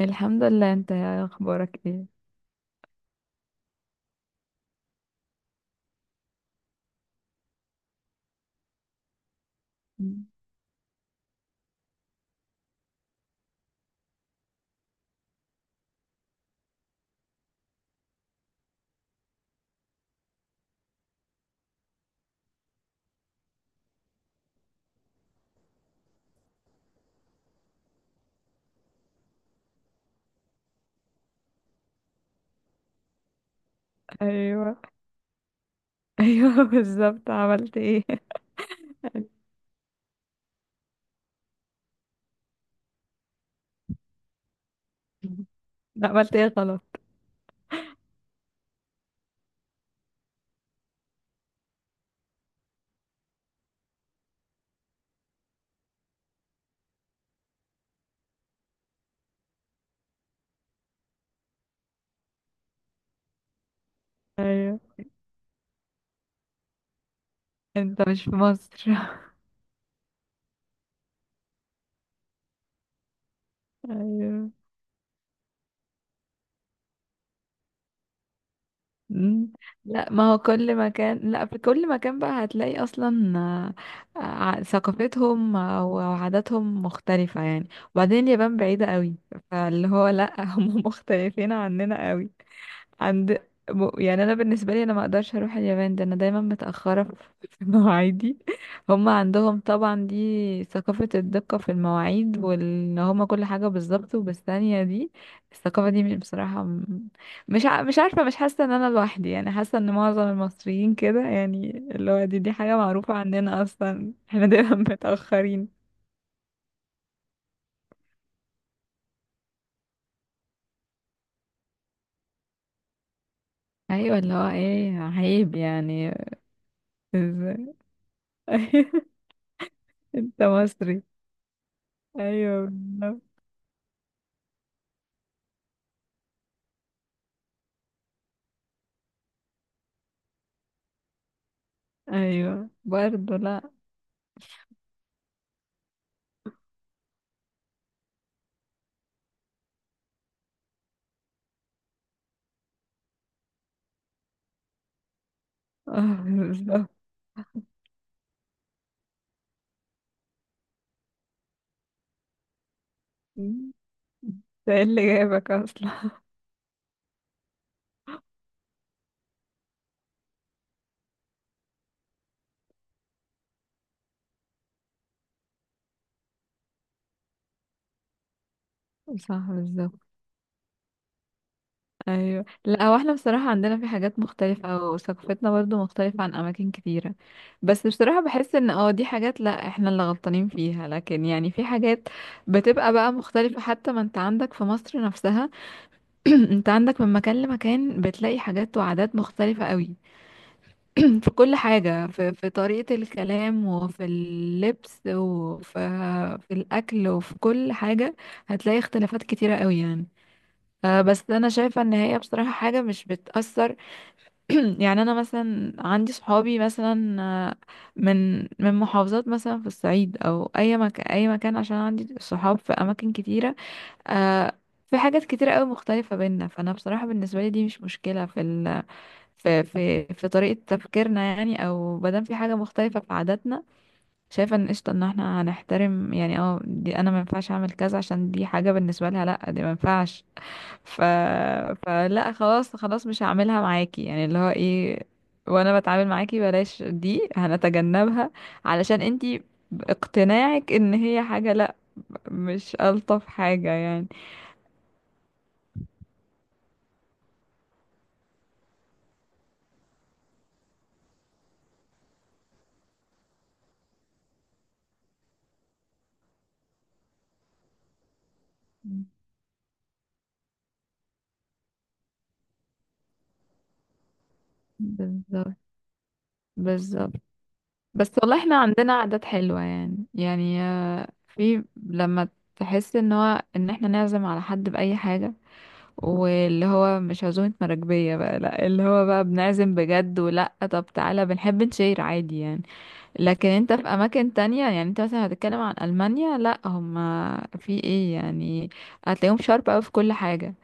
الحمد لله. انت اخبارك ايه؟ مم. ايوه، ايوه، بالظبط، عملت ايه؟ مم. لا، عملت ايه غلط؟ ايوه. انت مش في مصر؟ ايوه. مم. لا، ما هو كل مكان، لا في كل مكان بقى هتلاقي اصلا ثقافتهم او عاداتهم مختلفة يعني. وبعدين اليابان بعيدة قوي، فاللي هو لا، هم مختلفين عننا قوي. عند يعني انا بالنسبه لي انا ما اقدرش اروح اليابان، ده انا دايما متاخره في في مواعيدي. هم عندهم طبعا دي ثقافه الدقه في المواعيد، وان هم كل حاجه بالظبط وبالثانيه دي. الثقافه دي مش- بصراحه م- مش ع- مش عارفه، مش حاسه ان انا لوحدي، يعني حاسه ان معظم المصريين كده، يعني اللي هو دي حاجه معروفه عندنا اصلا، احنا دايما متاخرين. ايوه، اللي هو ايه؟ عيب يعني. إز- انت مصري؟ ايوه. ايوه، برضه، لا، بالظبط. ده ايه اللي جايبك اصلا؟ صح، بالظبط. ايوه، لا هو احنا بصراحه عندنا في حاجات مختلفه، او ثقافتنا برضو مختلفه عن اماكن كتيره. بس بصراحه بحس ان دي حاجات، لا احنا اللي غلطانين فيها، لكن يعني في حاجات بتبقى بقى مختلفه، حتى ما انت عندك في مصر نفسها. انت عندك من مكان لمكان بتلاقي حاجات وعادات مختلفه قوي. في كل حاجة، في طريقة الكلام، وفي اللبس، وفي في الأكل وفي كل حاجة هتلاقي اختلافات كتيرة قوي يعني. بس أنا شايفة إن هي بصراحة حاجة مش بتأثر. يعني أنا مثلا عندي صحابي مثلا من محافظات مثلا في الصعيد، أو أي مكان، أي مكان، عشان عندي صحاب في أماكن كتيرة. آه، في حاجات كتيرة قوي مختلفة بينا، فأنا بصراحة بالنسبة لي دي مش مشكلة في طريقة تفكيرنا، يعني او مادام في حاجة مختلفة في عاداتنا، شايفة ان قشطة، ان احنا هنحترم يعني، دي انا ما ينفعش اعمل كذا، عشان دي حاجة بالنسبة لها لا، دي ما ينفعش. ف... فلا خلاص خلاص، مش هعملها معاكي، يعني اللي هو ايه، وانا بتعامل معاكي بلاش دي، هنتجنبها علشان انتي باقتناعك ان هي حاجة لا، مش الطف حاجة يعني. بالظبط، بالظبط. بس والله احنا عندنا عادات حلوة، يعني في لما تحس ان هو، ان احنا نعزم على حد بأي حاجة، واللي هو مش عزومة مراكبية بقى، لا اللي هو بقى بنعزم بجد، ولا طب تعالى بنحب نشير عادي يعني. لكن انت في اماكن تانية، يعني انت مثلا هتتكلم عن ألمانيا، لا هما في ايه يعني؟ هتلاقيهم شارب اوي في كل حاجة.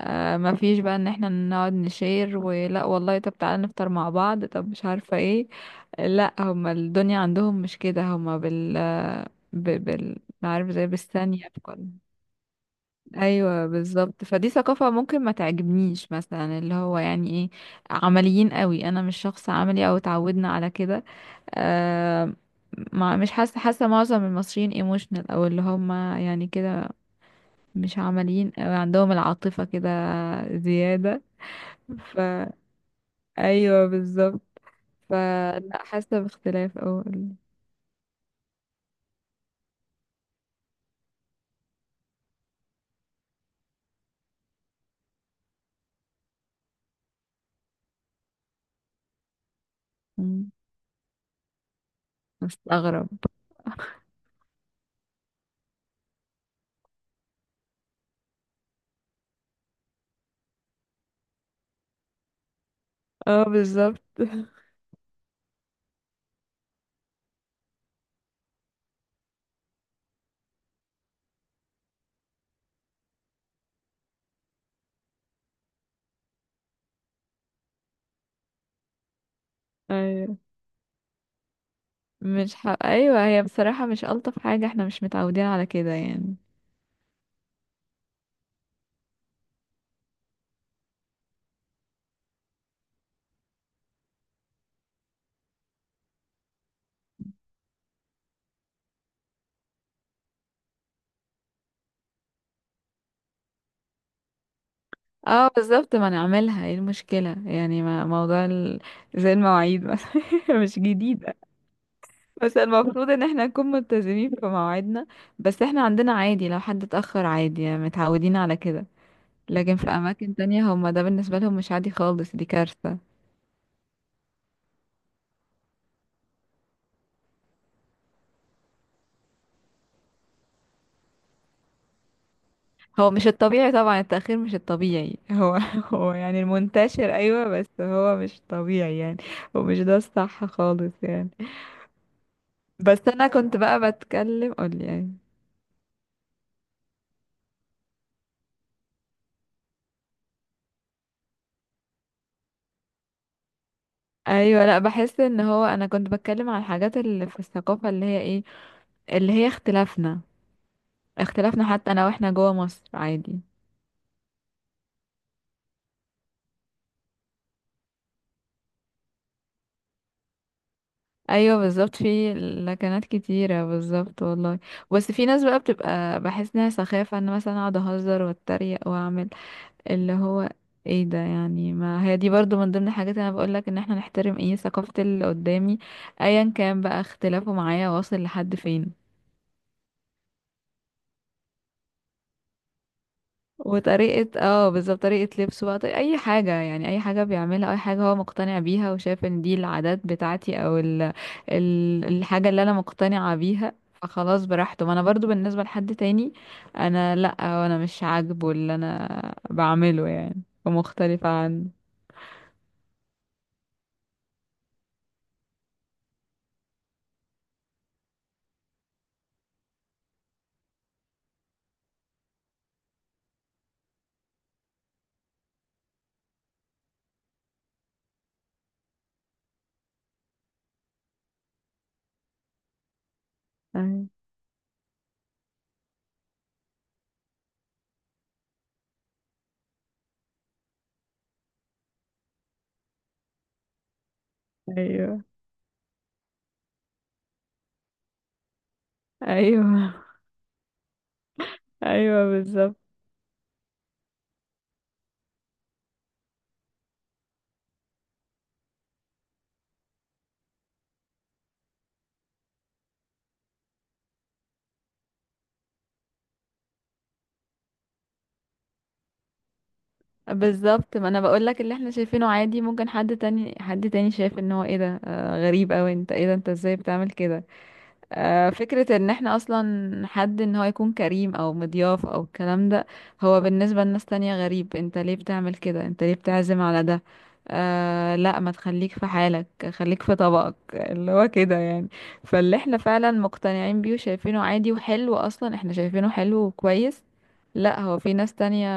ما فيش بقى ان احنا نقعد نشير، ولا والله طب تعالى نفطر مع بعض، طب مش عارفة ايه. لا هما الدنيا عندهم مش كده، هما بال عارف، زي بالثانية، بكل. ايوه بالظبط، فدي ثقافة ممكن ما تعجبنيش مثلا، اللي هو يعني ايه، عمليين قوي، انا مش شخص عملي او اتعودنا على كده. آه. مش حاسة معظم المصريين ايموشنال، او اللي هم يعني كده، مش عمليين أوي، عندهم العاطفة كده زيادة. ف ايوه بالظبط. فلا، حاسه باختلاف اول. مستغرب. اه بالظبط. ايوه، مش ح... ايوه، هي بصراحه مش الطف حاجه، احنا مش متعودين على كده يعني. اه بالظبط، ما نعملها ايه المشكله يعني، ما موضوع زي المواعيد مثلا. مش جديده. بس المفروض ان احنا نكون ملتزمين في مواعيدنا، بس احنا عندنا عادي لو حد اتاخر عادي يعني، متعودين على كده. لكن في اماكن تانية هما ده بالنسبه لهم مش عادي خالص، دي كارثه. هو مش الطبيعي طبعا، التأخير مش الطبيعي هو، هو يعني المنتشر، أيوة بس هو مش طبيعي يعني، ومش ده الصح خالص يعني. بس أنا كنت بقى بتكلم، قولي يعني. أيوة، أيوة، لأ بحس إن هو أنا كنت بتكلم على الحاجات اللي في الثقافة اللي هي إيه، اللي هي اختلافنا، اختلافنا حتى أنا وإحنا جوا مصر عادي. أيوة بالظبط، في لكنات كتيرة، بالظبط والله. بس في ناس بقى بتبقى بحس إنها سخافة، إن مثلا أقعد أهزر وأتريق وأعمل اللي هو ايه ده يعني، ما هي دي برضو من ضمن الحاجات اللي انا بقولك ان احنا نحترم ايه، ثقافة اللي قدامي، ايا كان بقى اختلافه معايا واصل لحد فين. وطريقة اه بالظبط، طريقة لبسه بقى، طريقة اي حاجة، يعني اي حاجة بيعملها، اي حاجة هو مقتنع بيها، وشايف ان دي العادات بتاعتي، او الحاجة اللي انا مقتنعة بيها، فخلاص براحته. ما انا برضو بالنسبة لحد تاني، انا لا، انا مش عاجبه اللي انا بعمله يعني، ومختلفة عنه. أي- ايوه، ايوه، ايوه، بالظبط، بالظبط. ما انا بقول لك، اللي احنا شايفينه عادي ممكن حد تاني، حد تاني شايف ان هو ايه ده، غريب اوي، انت ايه ده؟ انت ازاي بتعمل كده؟ فكرة ان احنا اصلا حد ان هو يكون كريم او مضياف او الكلام ده، هو بالنسبة لناس تانية غريب، انت ليه بتعمل كده؟ انت ليه بتعزم على ده؟ لا ما تخليك في حالك، خليك في طبقك اللي هو كده يعني. فاللي احنا فعلا مقتنعين بيه وشايفينه عادي وحلو، اصلا احنا شايفينه حلو وكويس، لا هو في ناس تانية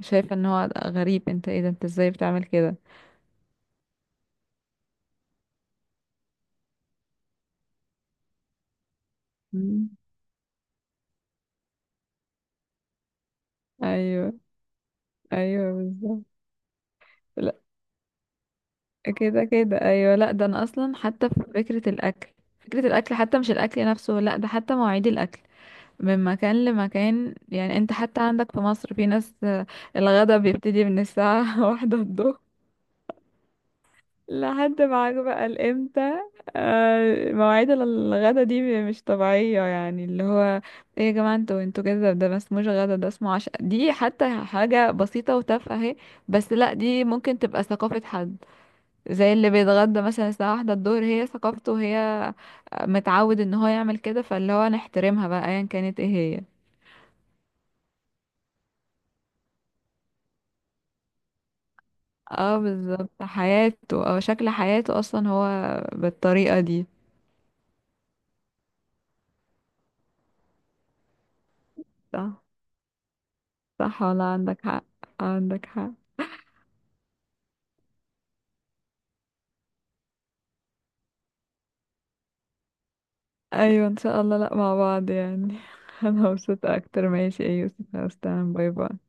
شايفة ان هو غريب، انت ايه ده؟ انت ازاي بتعمل كده؟ مم. ايوه، ايوه، بالظبط. كده كده ايوه. لا ده انا اصلا حتى في فكره الاكل، فكره الاكل حتى مش الاكل نفسه، لا ده حتى مواعيد الاكل من مكان لمكان، يعني انت حتى عندك في مصر في ناس الغدا بيبتدي من الساعه 1 الظهر لحد معاك بقى الامتى. مواعيد الغدا دي مش طبيعيه يعني، اللي هو ايه يا جماعه، انتوا كده، ده ما اسموش غدا، ده اسمه عشاء، دي حتى حاجه بسيطه وتافهه اهي. بس لا، دي ممكن تبقى ثقافه حد، زي اللي بيتغدى مثلا الساعة 1 الظهر، هي ثقافته وهي متعود ان هو يعمل كده، فاللي هو نحترمها بقى ايا كانت ايه هي. اه بالظبط، حياته او شكل حياته اصلا هو بالطريقة دي. صح. صح، ولا عندك حق. عندك حق. ايوه ان شاء الله، لا مع بعض يعني، انا مبسوطة اكتر. ماشي، ايه يوسف، استنى، باي باي.